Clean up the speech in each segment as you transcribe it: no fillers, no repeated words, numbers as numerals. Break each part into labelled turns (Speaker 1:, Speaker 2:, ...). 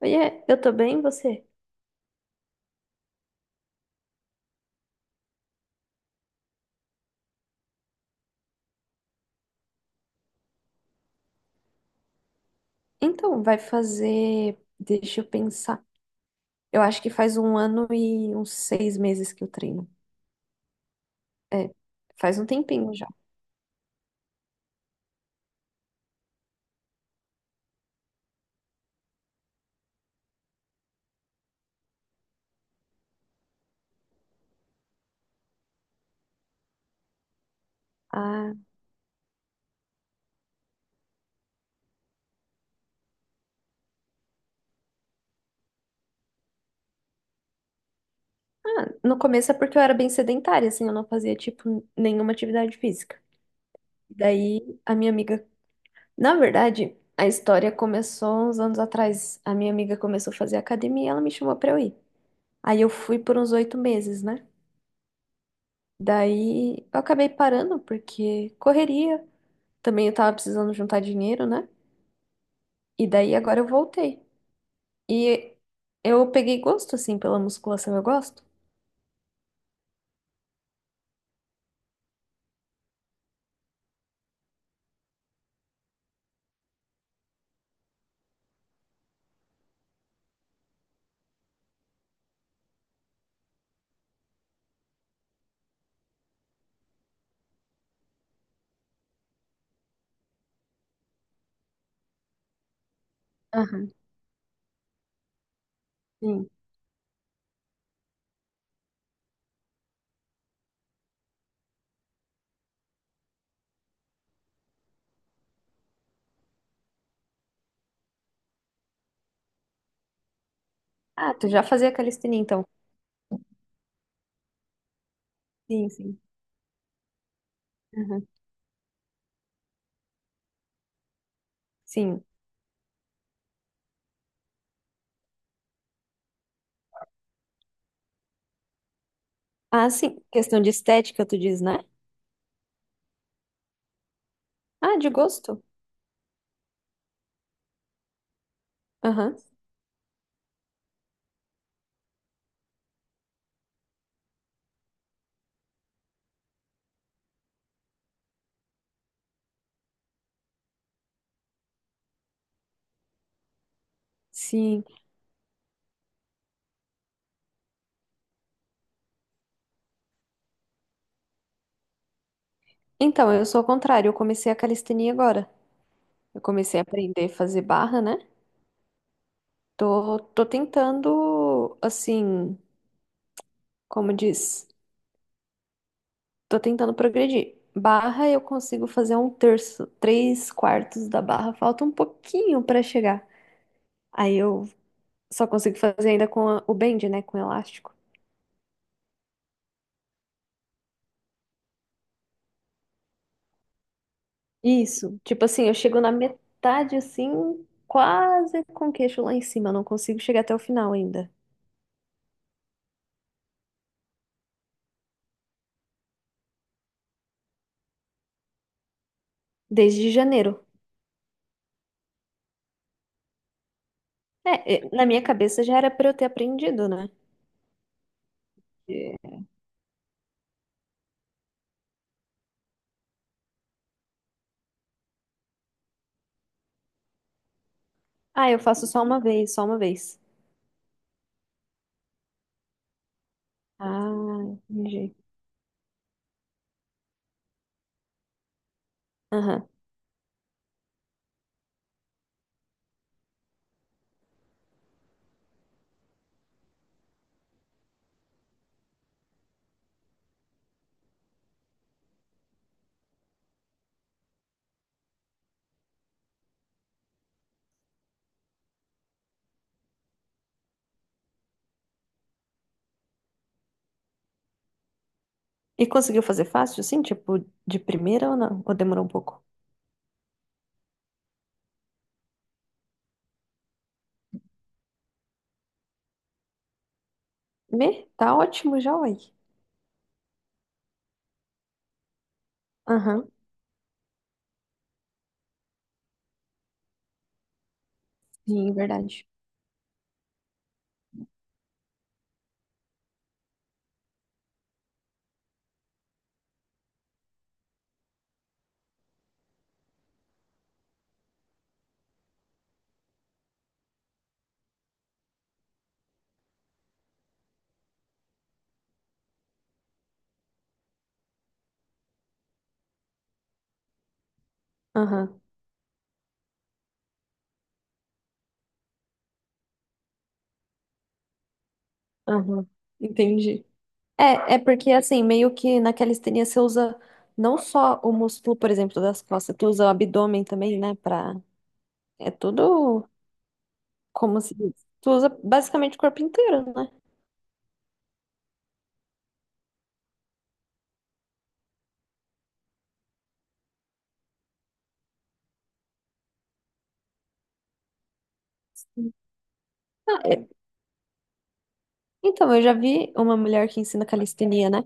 Speaker 1: Oiê, eu tô bem, você? Então, vai fazer. Deixa eu pensar. Eu acho que faz um ano e uns 6 meses que eu treino. É, faz um tempinho já. Ah, no começo é porque eu era bem sedentária, assim, eu não fazia, tipo, nenhuma atividade física. Daí, a minha amiga. Na verdade, a história começou uns anos atrás. A minha amiga começou a fazer academia e ela me chamou pra eu ir. Aí eu fui por uns 8 meses, né? Daí eu acabei parando porque correria. Também eu tava precisando juntar dinheiro, né? E daí agora eu voltei. E eu peguei gosto, assim, pela musculação, eu gosto. Aham, sim. Ah, tu já fazia calistenia, então. Sim, sim. Aham. Sim. Ah, sim. Questão de estética, tu diz, né? Ah, de gosto. Aham. Sim. Então, eu sou ao contrário. Eu comecei a calistenia agora. Eu comecei a aprender a fazer barra, né? Tô tentando, assim, como diz? Tô tentando progredir. Barra, eu consigo fazer um terço, três quartos da barra. Falta um pouquinho pra chegar. Aí eu só consigo fazer ainda com a- o bend, né? Com o elástico. Isso. Tipo assim, eu chego na metade assim, quase com o queixo lá em cima. Eu não consigo chegar até o final ainda. Desde janeiro. É, é, na minha cabeça já era pra eu ter aprendido, né? É. Ah, eu faço só uma vez, só uma vez. Ah, entendi. E conseguiu fazer fácil, assim, tipo, de primeira ou não? Ou demorou um pouco? Me? Tá ótimo já, uai. Aham, sim, verdade. Aham, aham, entendi. É, é porque, assim, meio que na calistenia você usa não só o músculo, por exemplo, das costas, tu usa o abdômen também, né, pra... É tudo como se diz. Tu usa basicamente o corpo inteiro, né? Ah, é. Então, eu já vi uma mulher que ensina calistenia, né?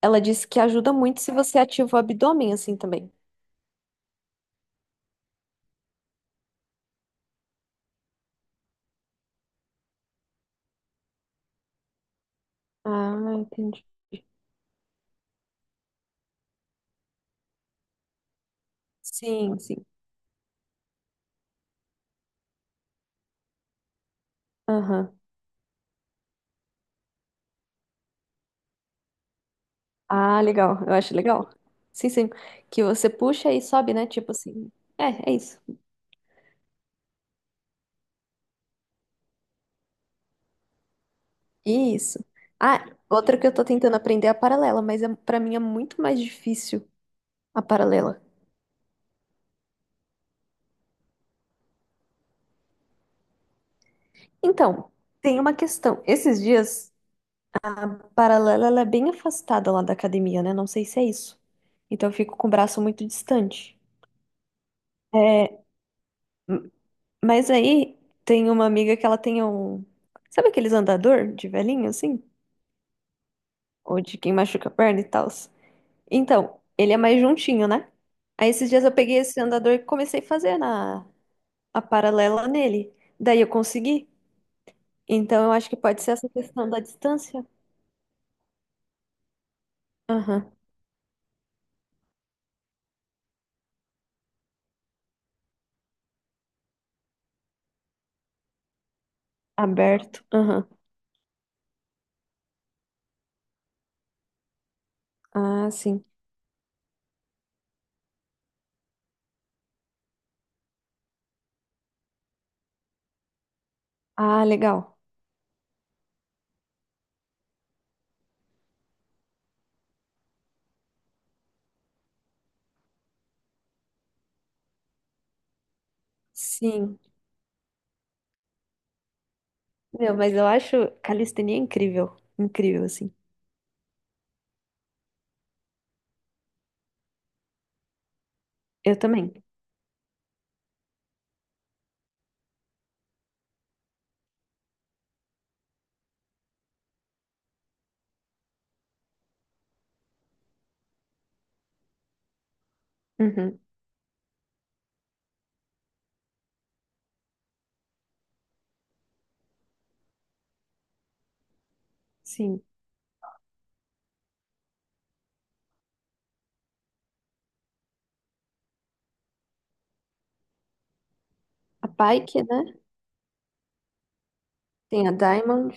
Speaker 1: Ela disse que ajuda muito se você ativa o abdômen assim também. Ah, entendi. Sim, sim. Aham. Ah, legal. Eu acho legal. Sim, sim. Que você puxa e sobe, né? Tipo assim. É, é isso. Isso. Ah, outra que eu tô tentando aprender é a paralela, mas é, para mim é muito mais difícil a paralela. Então, tem uma questão. Esses dias, a paralela ela é bem afastada lá da academia, né? Não sei se é isso. Então eu fico com o braço muito distante. É, mas aí tem uma amiga que ela tem um. Sabe aqueles andador de velhinho, assim? Ou de quem machuca a perna e tal. Então, ele é mais juntinho, né? Aí esses dias eu peguei esse andador e comecei a fazer a paralela nele. Daí eu consegui. Então eu acho que pode ser essa questão da distância. Aham. Aberto. Aham. Ah, sim. Ah, legal. Sim. Meu, mas eu acho calistenia incrível. Incrível, assim. Eu também. Uhum. Sim. A Pike, né? Tem a Diamond.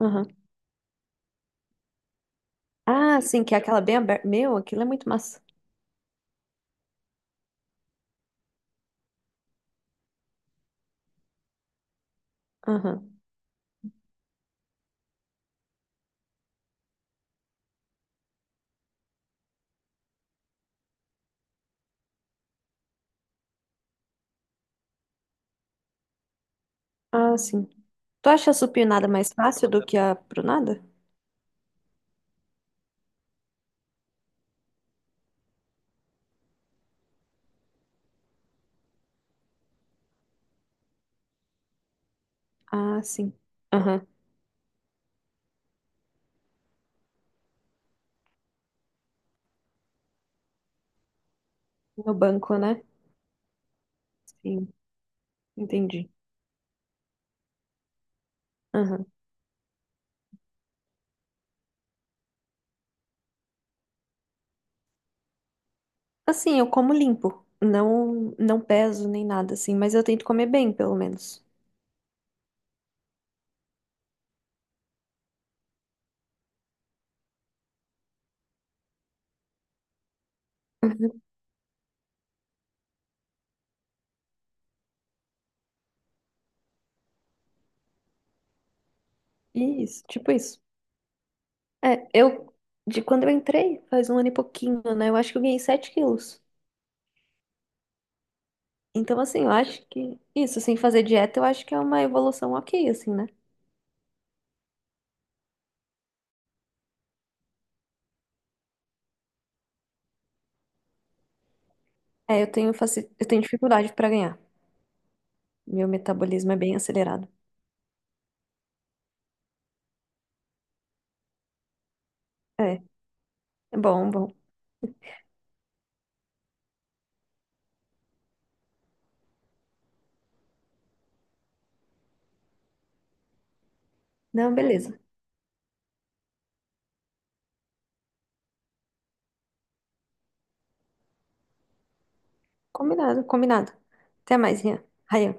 Speaker 1: Aham. Ah, sim, que é aquela bem aberta. Meu, aquilo é muito massa. Aham. Ah, sim. Tu acha a supinada mais fácil do que a pronada? Ah, sim. Aham. No banco, né? Sim, entendi. Aham. Assim, eu como limpo. Não, não peso nem nada, assim, mas eu tento comer bem, pelo menos. Isso, tipo isso. É, de quando eu entrei, faz um ano e pouquinho, né? Eu acho que eu ganhei 7 quilos. Então, assim, eu acho que isso, sem fazer dieta, eu acho que é uma evolução ok, assim, né? É, eu tenho, eu tenho dificuldade pra ganhar. Meu metabolismo é bem acelerado. É, é bom, bom. Não, beleza. Combinado, combinado. Até mais, Rian. Ryan.